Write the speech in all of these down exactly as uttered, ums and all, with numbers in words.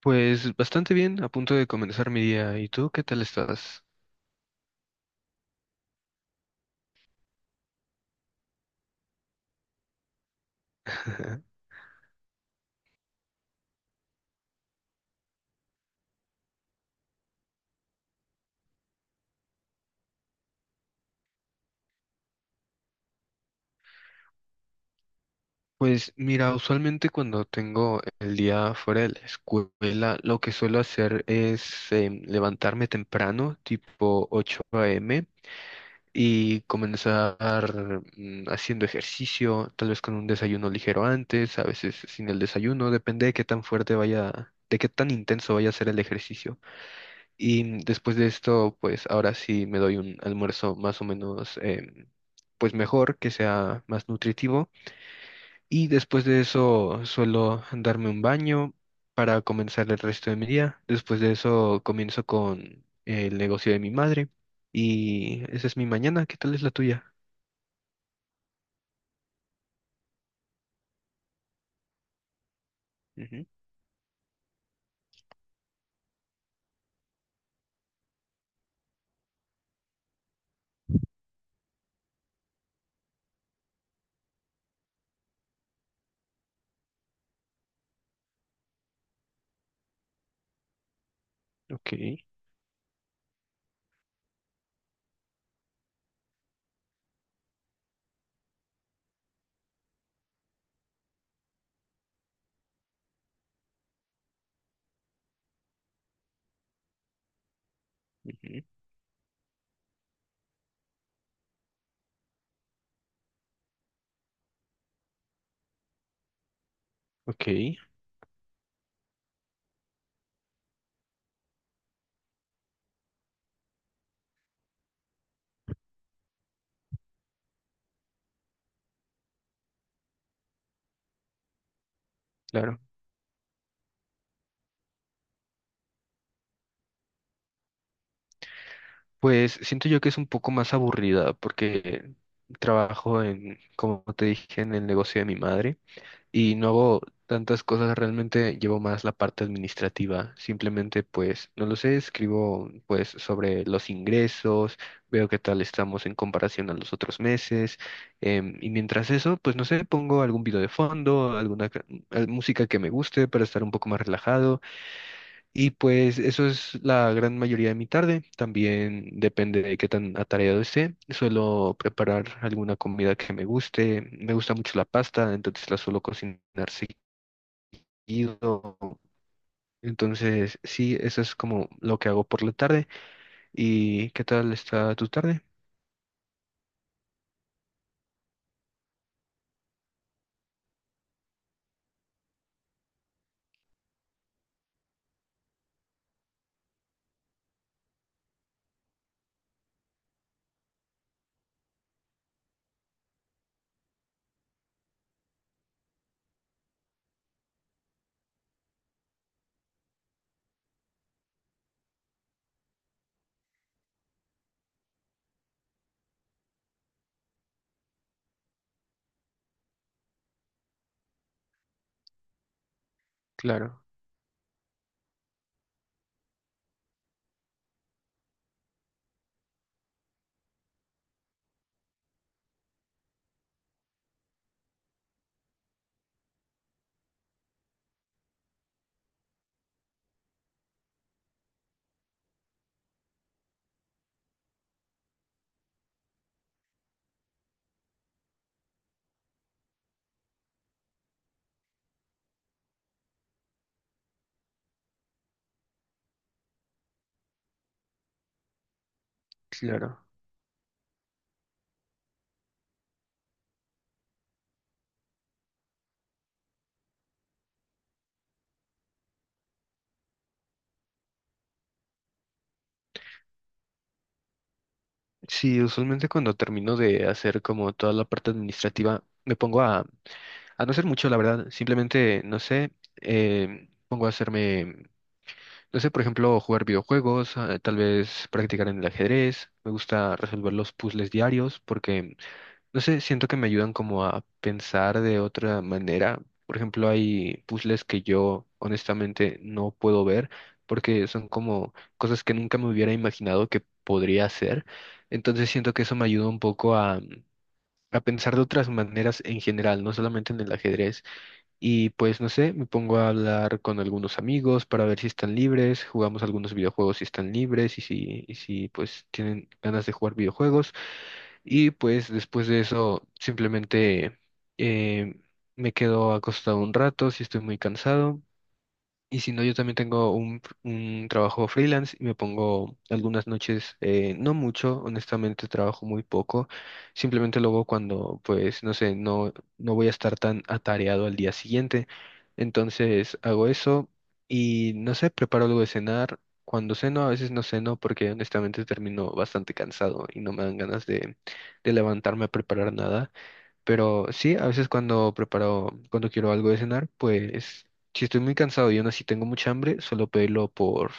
Pues bastante bien, a punto de comenzar mi día. ¿Y tú qué tal estás? Pues mira, usualmente cuando tengo el día fuera de la escuela, lo que suelo hacer es em, levantarme temprano, tipo ocho a m, y comenzar mm, haciendo ejercicio, tal vez con un desayuno ligero antes, a veces sin el desayuno, depende de qué tan fuerte vaya, de qué tan intenso vaya a ser el ejercicio. Y después de esto, pues ahora sí me doy un almuerzo más o menos, em, pues mejor, que sea más nutritivo. Y después de eso suelo darme un baño para comenzar el resto de mi día. Después de eso comienzo con el negocio de mi madre. Y esa es mi mañana. ¿Qué tal es la tuya? Ujú. Ok. Ujú. Ok. Claro. Pues siento yo que es un poco más aburrida porque trabajo en, como te dije, en el negocio de mi madre, y no hago tantas cosas, realmente llevo más la parte administrativa. Simplemente pues, no lo sé, escribo pues sobre los ingresos, veo qué tal estamos en comparación a los otros meses, em, y mientras eso, pues no sé, pongo algún video de fondo, alguna ca- al- música que me guste para estar un poco más relajado, y pues eso es la gran mayoría de mi tarde. También depende de qué tan atareado esté. Suelo preparar alguna comida que me guste. Me gusta mucho la pasta, entonces la suelo cocinar seguido. Entonces, sí, eso es como lo que hago por la tarde. ¿Y qué tal está tu tarde? Claro, claro. Sí, usualmente cuando termino de hacer como toda la parte administrativa, me pongo a, a no hacer mucho, la verdad. Simplemente, no sé, eh, pongo a hacerme. No sé, por ejemplo, jugar videojuegos, eh, tal vez practicar en el ajedrez. Me gusta resolver los puzzles diarios porque, no sé, siento que me ayudan como a pensar de otra manera. Por ejemplo, hay puzzles que yo honestamente no puedo ver porque son como cosas que nunca me hubiera imaginado que podría hacer. Entonces siento que eso me ayuda un poco a, a pensar de otras maneras en general, no solamente en el ajedrez. Y pues no sé, me pongo a hablar con algunos amigos para ver si están libres, jugamos algunos videojuegos si están libres y si, y si pues tienen ganas de jugar videojuegos. Y pues después de eso simplemente eh, me quedo acostado un rato si estoy muy cansado, y si no, yo también tengo un, un trabajo freelance y me pongo algunas noches, eh, no mucho, honestamente trabajo muy poco, simplemente lo hago cuando, pues, no sé, no, no voy a estar tan atareado al día siguiente. Entonces hago eso y, no sé, preparo algo de cenar. Cuando ceno, a veces no ceno porque honestamente termino bastante cansado y no me dan ganas de, de levantarme a preparar nada. Pero sí, a veces cuando preparo, cuando quiero algo de cenar, pues si estoy muy cansado y aún así tengo mucha hambre, solo pedirlo por,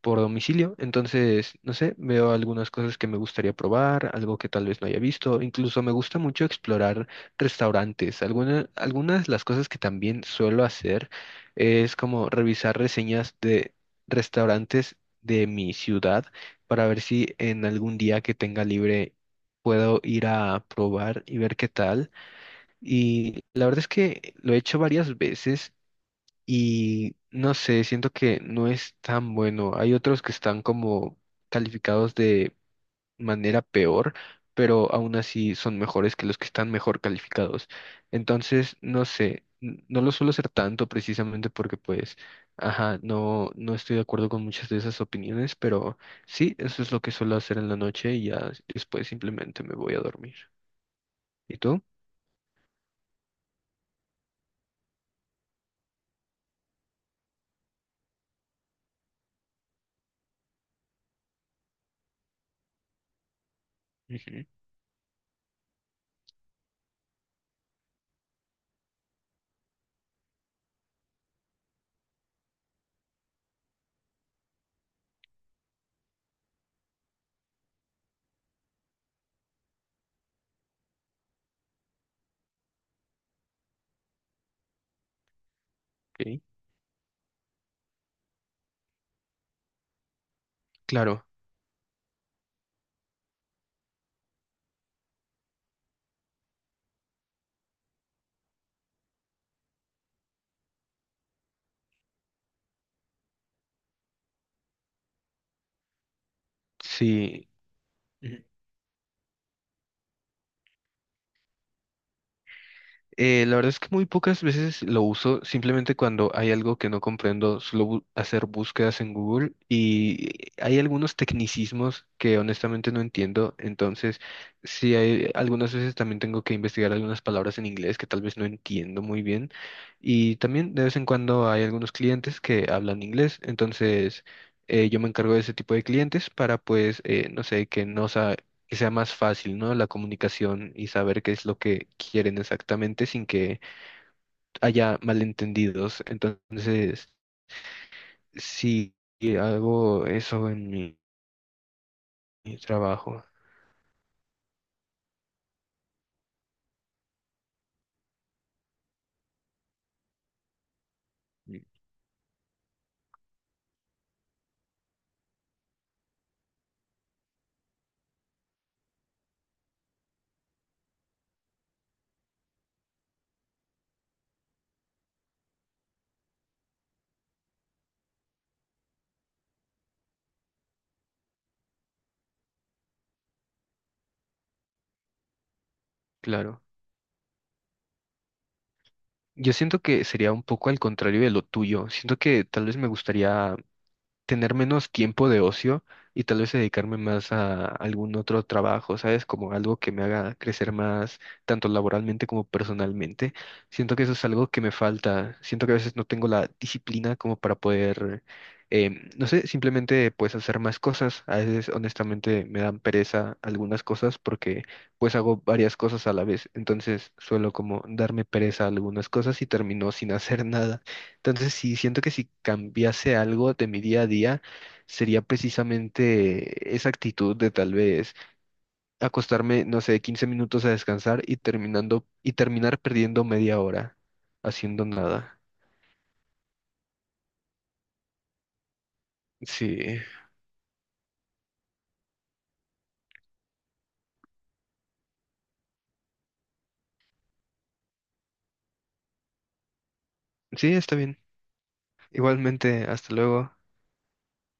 por domicilio. Entonces, no sé, veo algunas cosas que me gustaría probar, algo que tal vez no haya visto. Incluso me gusta mucho explorar restaurantes. Alguna- algunas de las cosas que también suelo hacer es como revisar reseñas de restaurantes de mi ciudad para ver si en algún día que tenga libre puedo ir a probar y ver qué tal. Y la verdad es que lo he hecho varias veces y no sé, siento que no es tan bueno. Hay otros que están como calificados de manera peor, pero aún así son mejores que los que están mejor calificados. Entonces, no sé, n- no lo suelo hacer tanto precisamente porque pues, ajá, no, no estoy de acuerdo con muchas de esas opiniones, pero sí, eso es lo que suelo hacer en la noche y ya después simplemente me voy a dormir. ¿Y tú? Ujú. Ok. Claro. Sí. Ujú. Eh, la verdad es que muy pocas veces lo uso, simplemente cuando hay algo que no comprendo, suelo bu- hacer búsquedas en Google y hay algunos tecnicismos que honestamente no entiendo, entonces sí, hay algunas veces también tengo que investigar algunas palabras en inglés que tal vez no entiendo muy bien, y también de vez en cuando hay algunos clientes que hablan inglés, entonces eh, yo me encargo de ese tipo de clientes para pues, eh, no sé, que no, que sea más fácil, ¿no? La comunicación y saber qué es lo que quieren exactamente sin que haya malentendidos. Entonces, sí, hago eso en mi, mi trabajo, y claro. Yo siento que sería un poco al contrario de lo tuyo. Siento que tal vez me gustaría tener menos tiempo de ocio y tal vez dedicarme más a algún otro trabajo, ¿sabes? Como algo que me haga crecer más, tanto laboralmente como personalmente. Siento que eso es algo que me falta. Siento que a veces no tengo la disciplina como para poder, em, no sé, simplemente pues hacer más cosas. A veces honestamente me dan pereza algunas cosas porque pues hago varias cosas a la vez. Entonces suelo como darme pereza a algunas cosas y termino sin hacer nada. Entonces, sí, siento que si cambiase algo de mi día a día, sería precisamente esa actitud de tal vez acostarme, no sé, quince minutos a descansar y terminando y terminar perdiendo media hora haciendo nada. Sí, sí, está bien. Igualmente, hasta luego.